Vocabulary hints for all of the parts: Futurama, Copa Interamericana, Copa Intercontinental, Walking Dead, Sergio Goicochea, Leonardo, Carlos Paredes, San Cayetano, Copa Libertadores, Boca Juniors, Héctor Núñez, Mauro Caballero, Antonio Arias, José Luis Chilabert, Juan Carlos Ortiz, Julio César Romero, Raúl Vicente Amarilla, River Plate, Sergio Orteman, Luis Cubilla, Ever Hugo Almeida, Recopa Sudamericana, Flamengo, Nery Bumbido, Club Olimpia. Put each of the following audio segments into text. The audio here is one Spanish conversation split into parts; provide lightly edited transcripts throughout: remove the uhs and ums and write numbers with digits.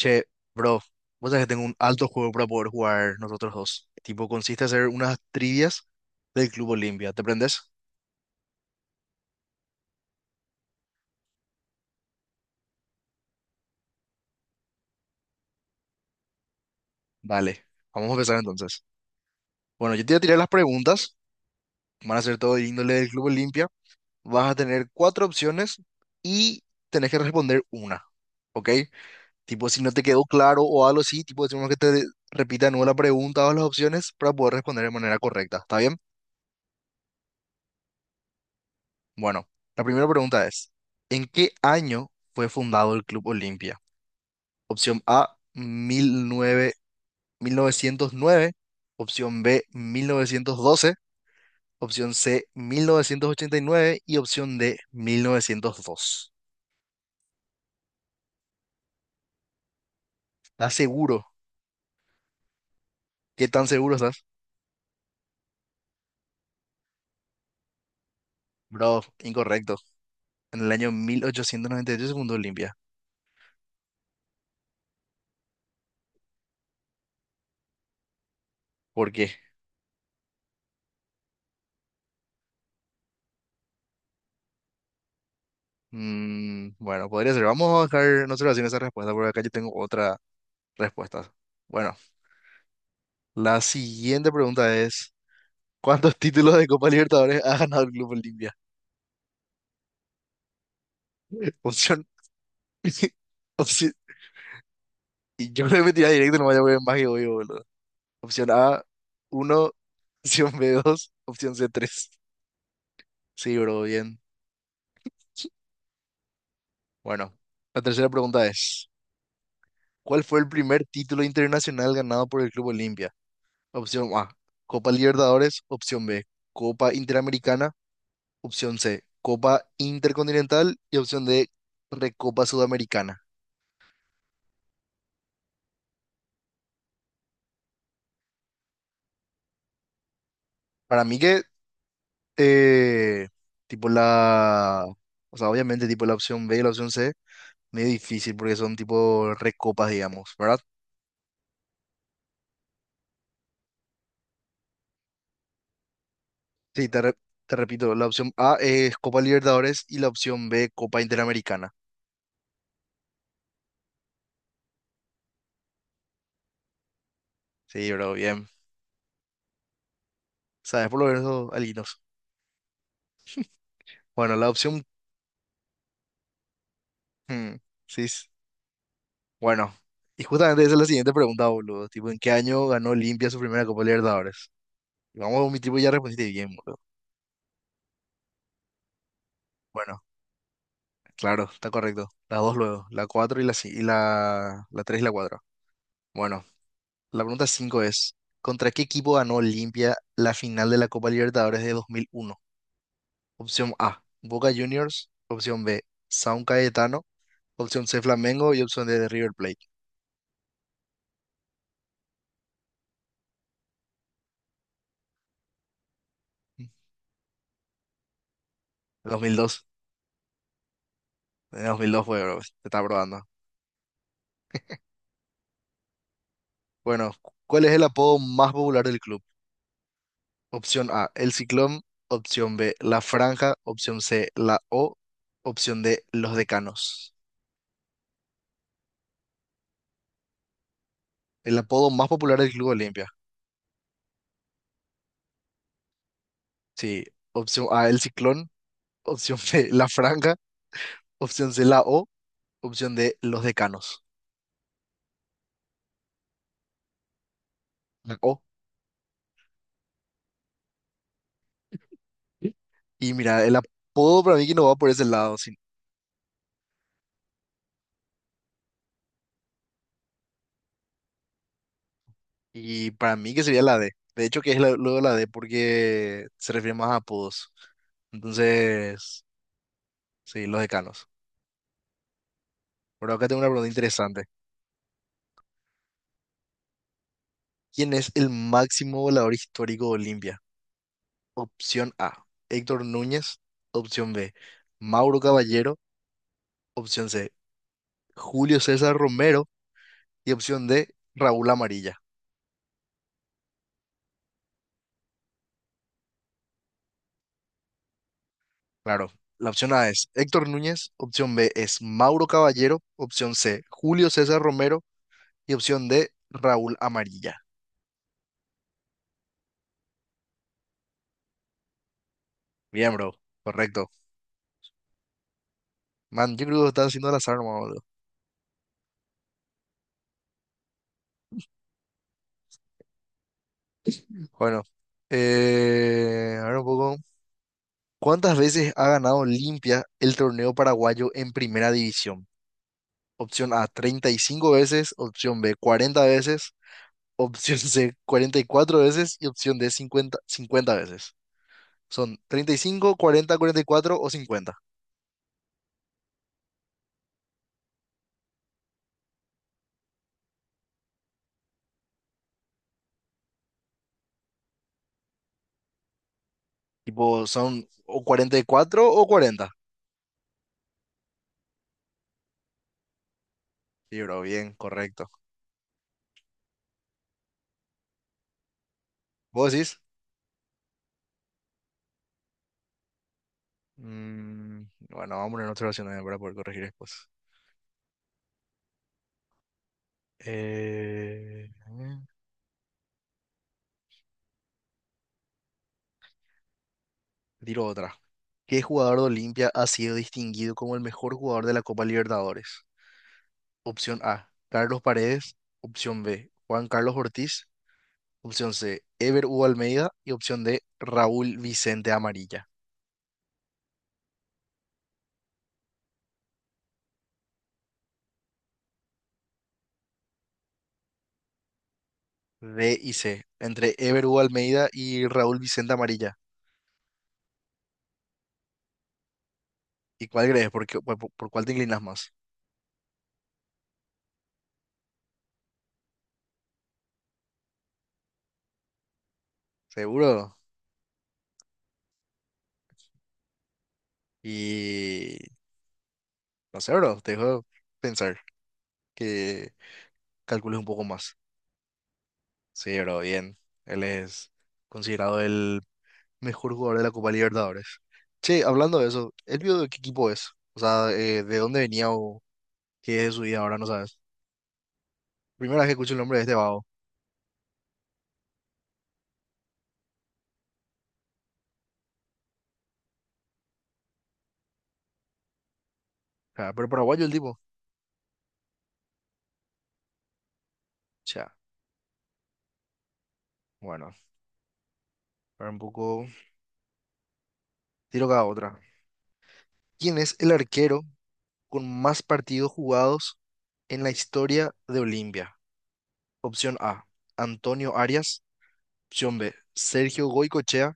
Che, bro, vos sabés que tengo un alto juego para poder jugar nosotros dos. Tipo, consiste en hacer unas trivias del Club Olimpia. ¿Te prendes? Dale, vamos a empezar entonces. Bueno, yo te voy a tirar las preguntas. Van a ser todo de índole del Club Olimpia. Vas a tener cuatro opciones y tenés que responder una. ¿Ok? Tipo, si no te quedó claro o algo así, tipo, decimos que te repita de nuevo la pregunta o las opciones para poder responder de manera correcta. ¿Está bien? Bueno, la primera pregunta es: ¿en qué año fue fundado el Club Olimpia? Opción A, 1909. Opción B, 1912. Opción C, 1989. Y opción D, 1902. ¿Estás seguro? ¿Qué tan seguro estás? Bro, incorrecto. En el año 1898 se fundó Olimpia. ¿Por qué? Mm, bueno, podría ser. Vamos a dejar, no se lo hacen esa respuesta porque acá yo tengo otra respuesta. Bueno, la siguiente pregunta es: ¿cuántos títulos de Copa Libertadores ha ganado el Club Olimpia? Opción. opción- Y yo creo que me tiré directo, no vaya a ver más que obvio, boludo. Opción A, uno. Opción B, dos. Opción C, tres. Sí, bro, bien. Bueno, la tercera pregunta es: ¿cuál fue el primer título internacional ganado por el Club Olimpia? Opción A, Copa Libertadores. Opción B, Copa Interamericana. Opción C, Copa Intercontinental. Y opción D, Recopa Sudamericana. Para mí que Eh, tipo o sea, obviamente tipo la opción B y la opción C, medio difícil porque son tipo recopas, digamos, ¿verdad? Sí, te, re- Te repito, la opción A es Copa Libertadores y la opción B Copa Interamericana. Sí, bro, bien. ¿Sabes por lo menos algunos? Bueno, la hmm, sí, s- bueno. Y justamente esa es la siguiente pregunta, boludo. Tipo, ¿en qué año ganó Olimpia su primera Copa Libertadores? Y vamos, mi tipo ya respondiste bien, boludo. Bueno, claro, está correcto. La dos luego, la 4 y la 3 y la 4. Bueno, la pregunta 5 es: ¿contra qué equipo ganó Olimpia la final de la Copa Libertadores de 2001? Opción A, Boca Juniors. Opción B, San Cayetano. Opción C, Flamengo. Y opción D, River Plate. 2002. En 2002 fue, bro. Te está probando. Bueno, ¿cuál es el apodo más popular del club? Opción A, El Ciclón. Opción B, La Franja. Opción C, La O. Opción D, Los Decanos. El apodo más popular del Club Olimpia. Sí. Opción A, el Ciclón. Opción B, la Franja. Opción C, la O. Opción D, los Decanos. La O. Y mira, el apodo para mí que no va por ese lado. Y para mí que sería la D. De hecho, que es luego la D porque se refiere más a apodos. Entonces, sí, los Decanos. Pero acá tengo una pregunta interesante. ¿Quién es el máximo volador histórico de Olimpia? Opción A, Héctor Núñez. Opción B, Mauro Caballero. Opción C, Julio César Romero. Y opción D, Raúl Amarilla. Claro, la opción A es Héctor Núñez, opción B es Mauro Caballero, opción C, Julio César Romero, y opción D, Raúl Amarilla. Bien, bro, correcto. Man, yo creo que lo estás haciendo al azar, nomás, boludo. Bueno, a ver un poco. ¿Cuántas veces ha ganado Limpia el torneo paraguayo en primera división? Opción A, 35 veces; opción B, 40 veces; opción C, 44 veces; y opción D, cincuenta veces. Son 35, 40, 44 o 50. Tipo, son o 44 o 40. Sí, bro, bien, correcto. ¿Vos decís? Mm, bueno, vamos a poner otra opción también para poder corregir después. Eh, tiro otra. ¿Qué jugador de Olimpia ha sido distinguido como el mejor jugador de la Copa Libertadores? Opción A, Carlos Paredes. Opción B, Juan Carlos Ortiz. Opción C, Ever Hugo Almeida. Y opción D, Raúl Vicente Amarilla. D y C. Entre Ever Hugo Almeida y Raúl Vicente Amarilla. ¿Y cuál crees? ¿Por, qué- por- Cuál te inclinas más? ¿Seguro? Y... no sé, bro. Te dejo pensar, que calcules un poco más. Sí, bro, bien. Él es considerado el mejor jugador de la Copa Libertadores. Che, hablando de eso, ¿él vio de qué equipo es? O sea, ¿de dónde venía o qué es de su vida ahora? No sabes. Primera vez que escucho el nombre de este vago. Sea, pero paraguayo el tipo. O sea, bueno, para un poco, tiro cada otra. ¿Quién es el arquero con más partidos jugados en la historia de Olimpia? Opción A, Antonio Arias. Opción B, Sergio Goicochea.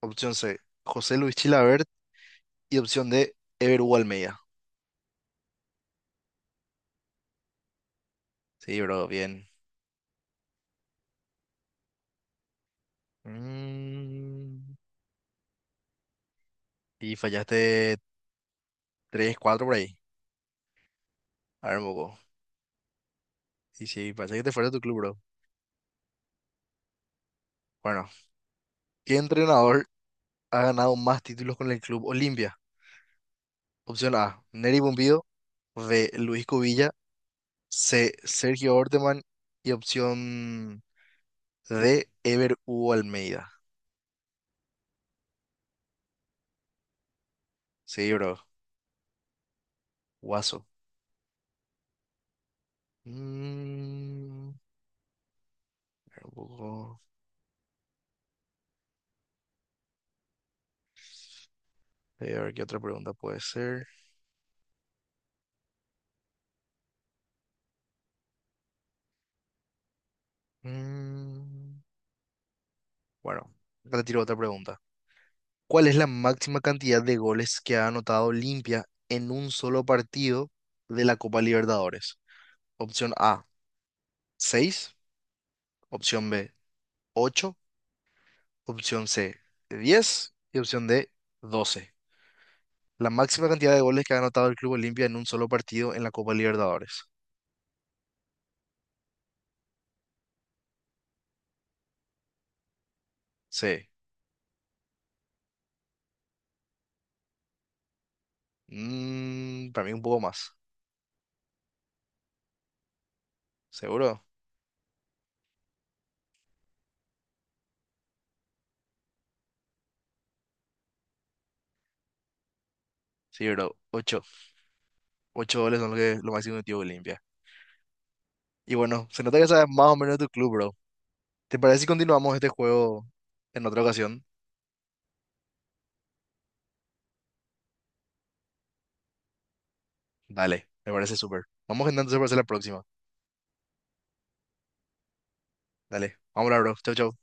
Opción C, José Luis Chilabert. Y opción D, Ever Hugo Almeida. Sí, bro, bien. Mm, y fallaste tres, cuatro, por ahí. A ver, un poco. Sí, sí, parece que te fuera de tu club, bro. Bueno, ¿qué entrenador ha ganado más títulos con el club Olimpia? Opción A, Nery Bumbido. B, Luis Cubilla. C, Sergio Orteman. Y opción D, Ever Hugo Almeida. Sí, bro. Guaso. Mm, espera un poco. A ver qué otra pregunta puede ser. Mm, bueno, retiro otra pregunta. ¿Cuál es la máxima cantidad de goles que ha anotado Olimpia en un solo partido de la Copa Libertadores? Opción A, seis. Opción B, ocho. Opción C, diez. Y opción D, doce. La máxima cantidad de goles que ha anotado el Club Olimpia en un solo partido en la Copa Libertadores. C. Mm, para mí un poco más. ¿Seguro? Sí, bro. Ocho, ocho goles son lo que lo máximo que metió Olimpia. Y bueno, se nota que sabes más o menos de tu club, bro. ¿Te parece si continuamos este juego en otra ocasión? Dale, me parece súper. Vamos entonces para hacer la próxima. Dale, vamos a hablar, bro. Chau, chau.